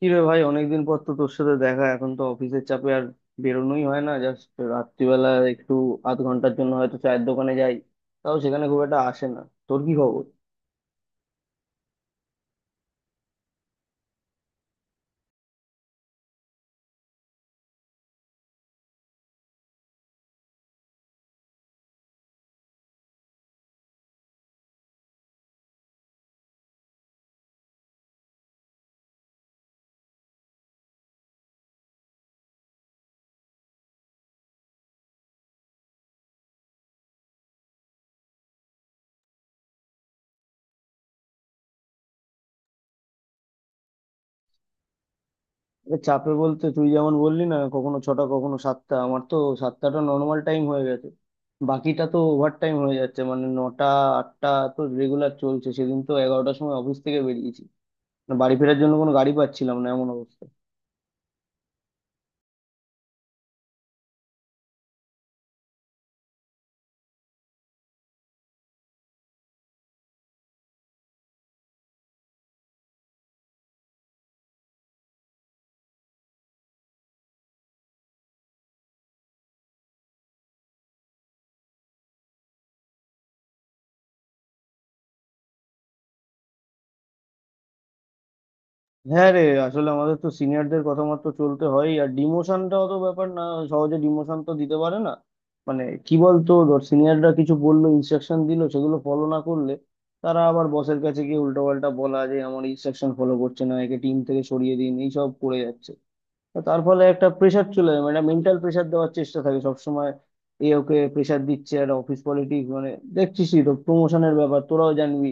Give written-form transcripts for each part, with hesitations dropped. কি রে ভাই, অনেকদিন পর তো তোর সাথে দেখা। এখন তো অফিসের চাপে আর বেরোনোই হয় না। জাস্ট রাত্রিবেলা একটু আধ ঘন্টার জন্য হয়তো চায়ের দোকানে যাই, তাও সেখানে খুব একটা আসে না। তোর কি খবর? এ, চাপে বলতে তুই যেমন বললি না, কখনো 6টা কখনো 7টা, আমার তো 7টাটা নর্মাল টাইম হয়ে গেছে। বাকিটা তো ওভার টাইম হয়ে যাচ্ছে, মানে 9টা 8টা তো রেগুলার চলছে। সেদিন তো 11টার সময় অফিস থেকে বেরিয়েছি, বাড়ি ফেরার জন্য কোনো গাড়ি পাচ্ছিলাম না, এমন অবস্থা। হ্যাঁ রে, আসলে আমাদের তো সিনিয়রদের কথা মতো চলতে হয়, আর ডিমোশনটা অত ব্যাপার না, সহজে ডিমোশন তো দিতে পারে না। মানে কি বলতো, ধর সিনিয়ররা কিছু বললো, ইনস্ট্রাকশন দিল, সেগুলো ফলো না করলে তারা আবার বসের কাছে গিয়ে উল্টো পাল্টা বলা, যে আমার ইনস্ট্রাকশন ফলো করছে না, একে টিম থেকে সরিয়ে দিন, এইসব করে যাচ্ছে। তো তার ফলে একটা প্রেশার চলে আসে, মানে মেন্টাল প্রেশার দেওয়ার চেষ্টা থাকে সবসময়। এ ওকে প্রেশার দিচ্ছে, একটা অফিস পলিটিক্স, মানে দেখছিসই তো। প্রমোশনের ব্যাপার তোরাও জানবি,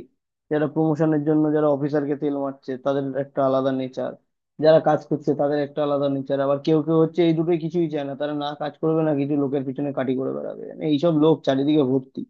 যারা প্রমোশনের জন্য যারা অফিসারকে তেল মারছে, তাদের একটা আলাদা নেচার। যারা কাজ করছে তাদের একটা আলাদা নেচার, আবার কেউ কেউ হচ্ছে এই দুটোই কিছুই চায় না, তারা না কাজ করবে না কিছু, লোকের পিছনে কাটি করে বেড়াবে, মানে এইসব লোক চারিদিকে ভর্তি।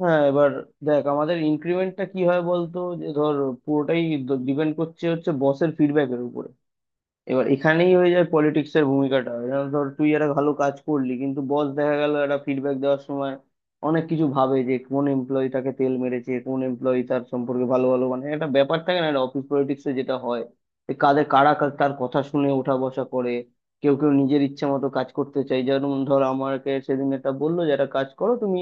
হ্যাঁ এবার দেখ, আমাদের ইনক্রিমেন্টটা কি হয় বলতো। যে ধর, পুরোটাই ডিপেন্ড করছে হচ্ছে বসের ফিডব্যাকের উপরে। এবার এখানেই হয়ে যায় পলিটিক্স এর ভূমিকাটা। যেমন ধর, তুই একটা ভালো কাজ করলি, কিন্তু বস দেখা গেল একটা ফিডব্যাক দেওয়ার সময় অনেক কিছু ভাবে, যে কোন এমপ্লয়িটাকে তেল মেরেছে, কোন এমপ্লয়ি তার সম্পর্কে ভালো ভালো, মানে একটা ব্যাপার থাকে না, একটা অফিস পলিটিক্সে যেটা হয়, যে কাদের কারা তার কথা শুনে ওঠা বসা করে। কেউ কেউ নিজের ইচ্ছা মতো কাজ করতে চায়। যেমন ধর, আমাকে সেদিন এটা বললো যে একটা কাজ করো তুমি।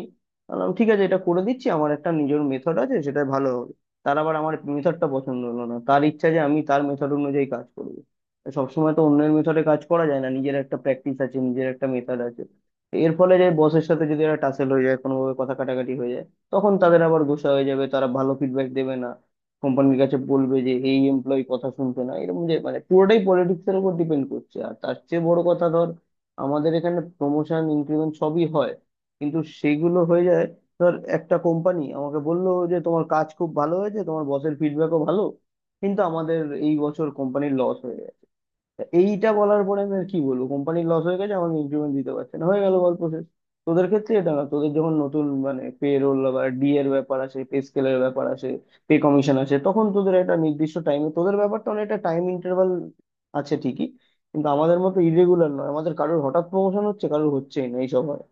আমি বললাম, ঠিক আছে, এটা করে দিচ্ছি, আমার একটা নিজের মেথড আছে, সেটা ভালো হবে। তার আবার আমার মেথডটা পছন্দ হলো না, তার ইচ্ছা যে আমি তার মেথড অনুযায়ী কাজ করবো। সবসময় তো অন্যের মেথডে কাজ করা যায় না, নিজের একটা প্র্যাকটিস আছে, নিজের একটা মেথড আছে। এর ফলে যে বসের সাথে যদি একটা টাসেল হয়ে যায়, কোনোভাবে কথা কাটাকাটি হয়ে যায়, তখন তাদের আবার গোসা হয়ে যাবে, তারা ভালো ফিডব্যাক দেবে না, কোম্পানির কাছে বলবে যে এই এমপ্লয়ি কথা শুনছে না, এরকম। যে মানে পুরোটাই পলিটিক্স এর উপর ডিপেন্ড করছে। আর তার চেয়ে বড় কথা ধর, আমাদের এখানে প্রমোশন ইনক্রিমেন্ট সবই হয়, কিন্তু সেগুলো হয়ে যায়। ধর একটা কোম্পানি আমাকে বললো যে তোমার কাজ খুব ভালো হয়েছে, তোমার বসের ফিডব্যাকও ভালো, কিন্তু আমাদের এই বছর কোম্পানির লস হয়ে গেছে। তা এইটা বলার পরে আমি আর কি বলবো? কোম্পানির লস হয়ে গেছে, আমাকে ইনক্রিমেন্ট দিতে পারছে না, হয়ে গেল গল্প শেষ। তোদের ক্ষেত্রে এটা না, তোদের যখন নতুন মানে পে রোল বা ডি এর ব্যাপার আসে, পে স্কেলের ব্যাপার আসে, পে কমিশন আসে, তখন তোদের একটা নির্দিষ্ট টাইমে তোদের ব্যাপারটা অনেকটা টাইম ইন্টারভাল আছে ঠিকই, কিন্তু আমাদের মতো ইরেগুলার নয়। আমাদের কারোর হঠাৎ প্রমোশন হচ্ছে, কারোর হচ্ছেই না, এইসব হয়।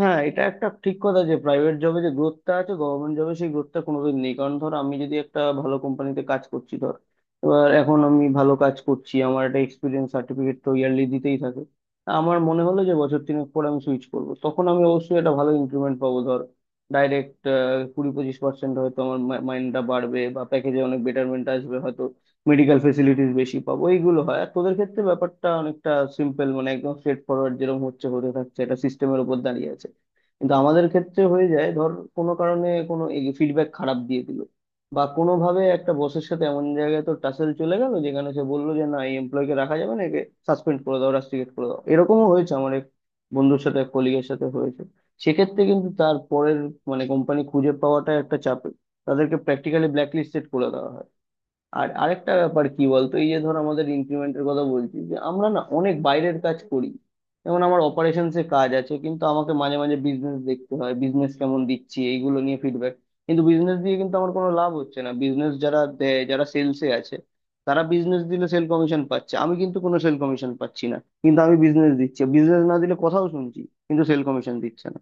হ্যাঁ এটা একটা ঠিক কথা যে প্রাইভেট জবে যে গ্রোথটা আছে, গভর্নমেন্ট জবে সেই গ্রোথটা কোনোদিন নেই। কারণ ধর, আমি যদি একটা ভালো কোম্পানিতে কাজ করছি, ধর এবার এখন আমি ভালো কাজ করছি, আমার একটা এক্সপিরিয়েন্স সার্টিফিকেট তো ইয়ারলি দিতেই থাকে। আমার মনে হলো যে বছর তিনেক পর আমি সুইচ করব, তখন আমি অবশ্যই একটা ভালো ইনক্রিমেন্ট পাবো। ধর ডাইরেক্ট 20-25% হয়তো আমার মাইনেটা বাড়বে, বা প্যাকেজে অনেক বেটারমেন্ট আসবে হয়তো, মেডিকেল ফেসিলিটিস বেশি পাবো, এইগুলো হয়। আর তোদের ক্ষেত্রে ব্যাপারটা অনেকটা সিম্পল, মানে একদম স্ট্রেট ফরওয়ার্ড, যেরকম হচ্ছে হতে থাকছে, একটা সিস্টেমের উপর দাঁড়িয়ে আছে। কিন্তু আমাদের ক্ষেত্রে হয়ে যায়, ধর কোনো কারণে কোনো ফিডব্যাক খারাপ দিয়ে দিল, বা কোনোভাবে একটা বসের সাথে এমন জায়গায় তো টাসেল চলে গেল, যেখানে সে বললো যে না, এই এমপ্লয়কে রাখা যাবে না, একে সাসপেন্ড করে দাও, রাস্টিকেট করে দাও। এরকমও হয়েছে আমার এক বন্ধুর সাথে, এক কলিগের সাথে হয়েছে। সেক্ষেত্রে কিন্তু তার পরের মানে কোম্পানি খুঁজে পাওয়াটা একটা চাপের, তাদেরকে প্র্যাকটিক্যালি ব্ল্যাক লিস্টেড করে দেওয়া হয়। আর আরেকটা ব্যাপার কি বলতো, এই যে ধর আমাদের ইনক্রিমেন্টের কথা বলছি, যে আমরা না অনেক বাইরের কাজ করি। যেমন আমার অপারেশনস এর কাজ আছে, কিন্তু আমাকে মাঝে মাঝে বিজনেস দেখতে হয়, বিজনেস কেমন দিচ্ছি এইগুলো নিয়ে ফিডব্যাক। কিন্তু বিজনেস দিয়ে কিন্তু আমার কোনো লাভ হচ্ছে না। বিজনেস যারা দেয়, যারা সেলসে আছে, তারা বিজনেস দিলে সেল কমিশন পাচ্ছে, আমি কিন্তু কোনো সেল কমিশন পাচ্ছি না। কিন্তু আমি বিজনেস দিচ্ছি, বিজনেস না দিলে কথাও শুনছি, কিন্তু সেল কমিশন দিচ্ছে না।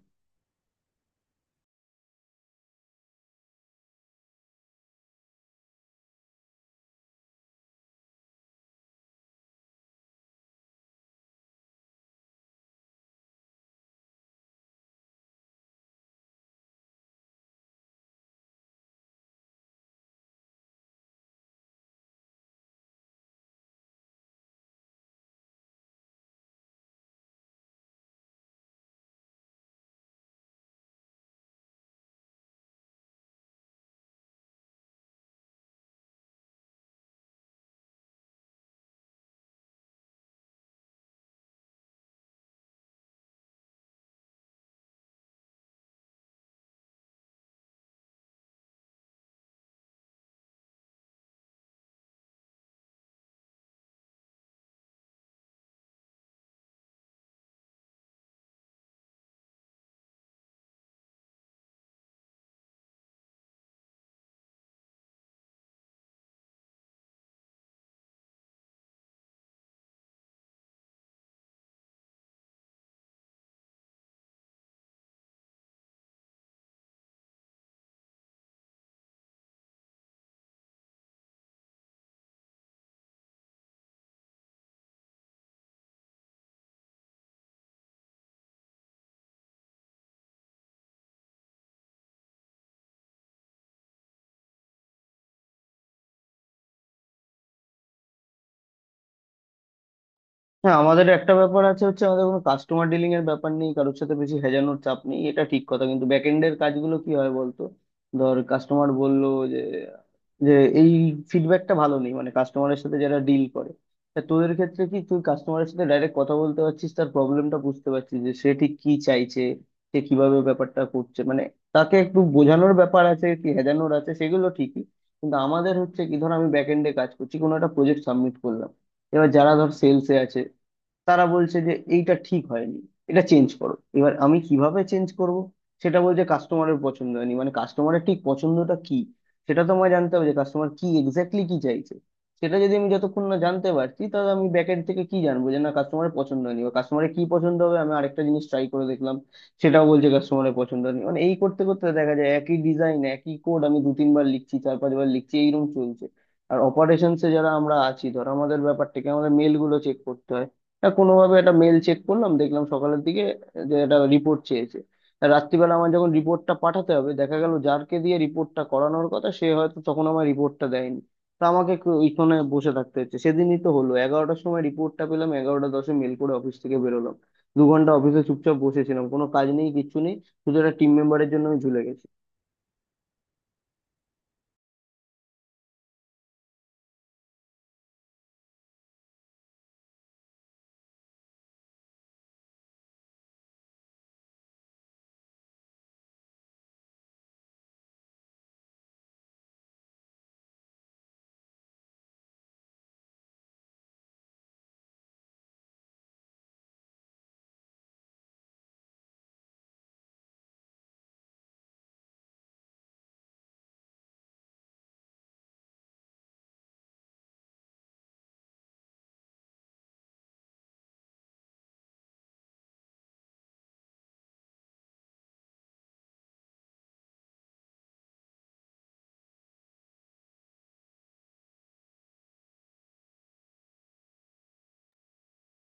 হ্যাঁ আমাদের একটা ব্যাপার আছে হচ্ছে, আমাদের কোনো কাস্টমার ডিলিং এর ব্যাপার নেই, কারোর সাথে বেশি হেজানোর চাপ নেই, এটা ঠিক কথা। কিন্তু ব্যাক এন্ডের কাজগুলো কি হয় বলতো? ধর কাস্টমার বললো যে যে এই ফিডব্যাকটা ভালো নেই, মানে কাস্টমারের সাথে যারা ডিল করে। তা তোদের ক্ষেত্রে কি তুই কাস্টমারের সাথে ডাইরেক্ট কথা বলতে পারছিস, তার প্রবলেমটা বুঝতে পারছিস যে সে ঠিক কি চাইছে, সে কিভাবে ব্যাপারটা করছে, মানে তাকে একটু বোঝানোর ব্যাপার আছে, কি হেজানোর আছে, সেগুলো ঠিকই। কিন্তু আমাদের হচ্ছে কি, ধর আমি ব্যাক এন্ডে কাজ করছি, কোনো একটা প্রজেক্ট সাবমিট করলাম, এবার যারা ধর সেলসে আছে, তারা বলছে যে এইটা ঠিক হয়নি, এটা চেঞ্জ করো। এবার আমি কিভাবে চেঞ্জ করব? সেটা বলছে কাস্টমারের পছন্দ হয়নি, মানে কাস্টমারের ঠিক পছন্দটা কি, সেটা তো আমায় জানতে হবে, যে কাস্টমার কি এক্স্যাক্টলি কি চাইছে। সেটা যদি আমি যতক্ষণ না জানতে পারছি, তাহলে আমি ব্যাকএন্ড থেকে কি জানবো যে না, কাস্টমারের পছন্দ হয়নি, বা কাস্টমারের কি পছন্দ হবে? আমি আরেকটা জিনিস ট্রাই করে দেখলাম, সেটাও বলছে কাস্টমারের পছন্দ হয়নি। মানে এই করতে করতে দেখা যায়, একই ডিজাইন একই কোড আমি দু তিনবার লিখছি, চার পাঁচবার লিখছি, এইরকম চলছে। আর অপারেশনসে যারা আমরা আছি, ধর আমাদের ব্যাপারটাকে আমাদের মেল গুলো চেক করতে হয়। তা কোনোভাবে একটা মেল চেক করলাম, দেখলাম সকালের দিকে যে একটা রিপোর্ট চেয়েছে। তা রাত্রিবেলা আমার যখন রিপোর্টটা পাঠাতে হবে, দেখা গেল যারকে দিয়ে রিপোর্টটা করানোর কথা, সে হয়তো তখন আমার রিপোর্টটা দেয়নি। তা আমাকে একটু ওইখানে বসে থাকতে হচ্ছে। সেদিনই তো হলো 11টার সময় রিপোর্টটা পেলাম, 11টা 10-এ মেল করে অফিস থেকে বেরোলাম। 2 ঘন্টা অফিসে চুপচাপ বসেছিলাম, কোনো কাজ নেই, কিচ্ছু নেই, শুধু একটা টিম মেম্বারের জন্য আমি ঝুলে গেছি।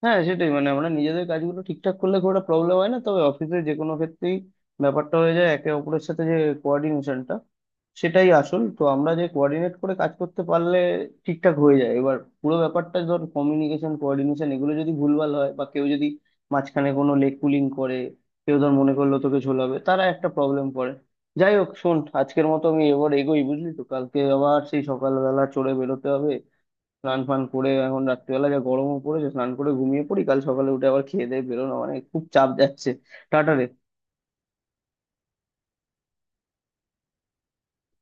হ্যাঁ সেটাই, মানে আমরা নিজেদের কাজগুলো ঠিকঠাক করলে খুব একটা প্রবলেম হয় না। তবে অফিসের যে কোনো ক্ষেত্রেই ব্যাপারটা হয়ে যায় একে অপরের সাথে যে কোঅর্ডিনেশনটা, সেটাই আসল। তো আমরা যে কোঅর্ডিনেট করে কাজ করতে পারলে ঠিকঠাক হয়ে যায়। এবার পুরো ব্যাপারটা ধর কমিউনিকেশন কোঅর্ডিনেশন, এগুলো যদি ভুলভাল হয়, বা কেউ যদি মাঝখানে কোনো লেগ পুলিং করে, কেউ ধর মনে করলো তোকে ঝোলাবে, তারা একটা প্রবলেম করে। যাই হোক, শোন, আজকের মতো আমি এবার এগোই, বুঝলি তো, কালকে আবার সেই সকালবেলা চড়ে বেরোতে হবে। স্নান ফান করে, এখন রাত্রিবেলা যা গরমও পড়েছে, স্নান করে ঘুমিয়ে পড়ি, কাল সকালে উঠে আবার খেয়ে দিয়ে বেরোনো, মানে খুব চাপ যাচ্ছে। টাটা রে।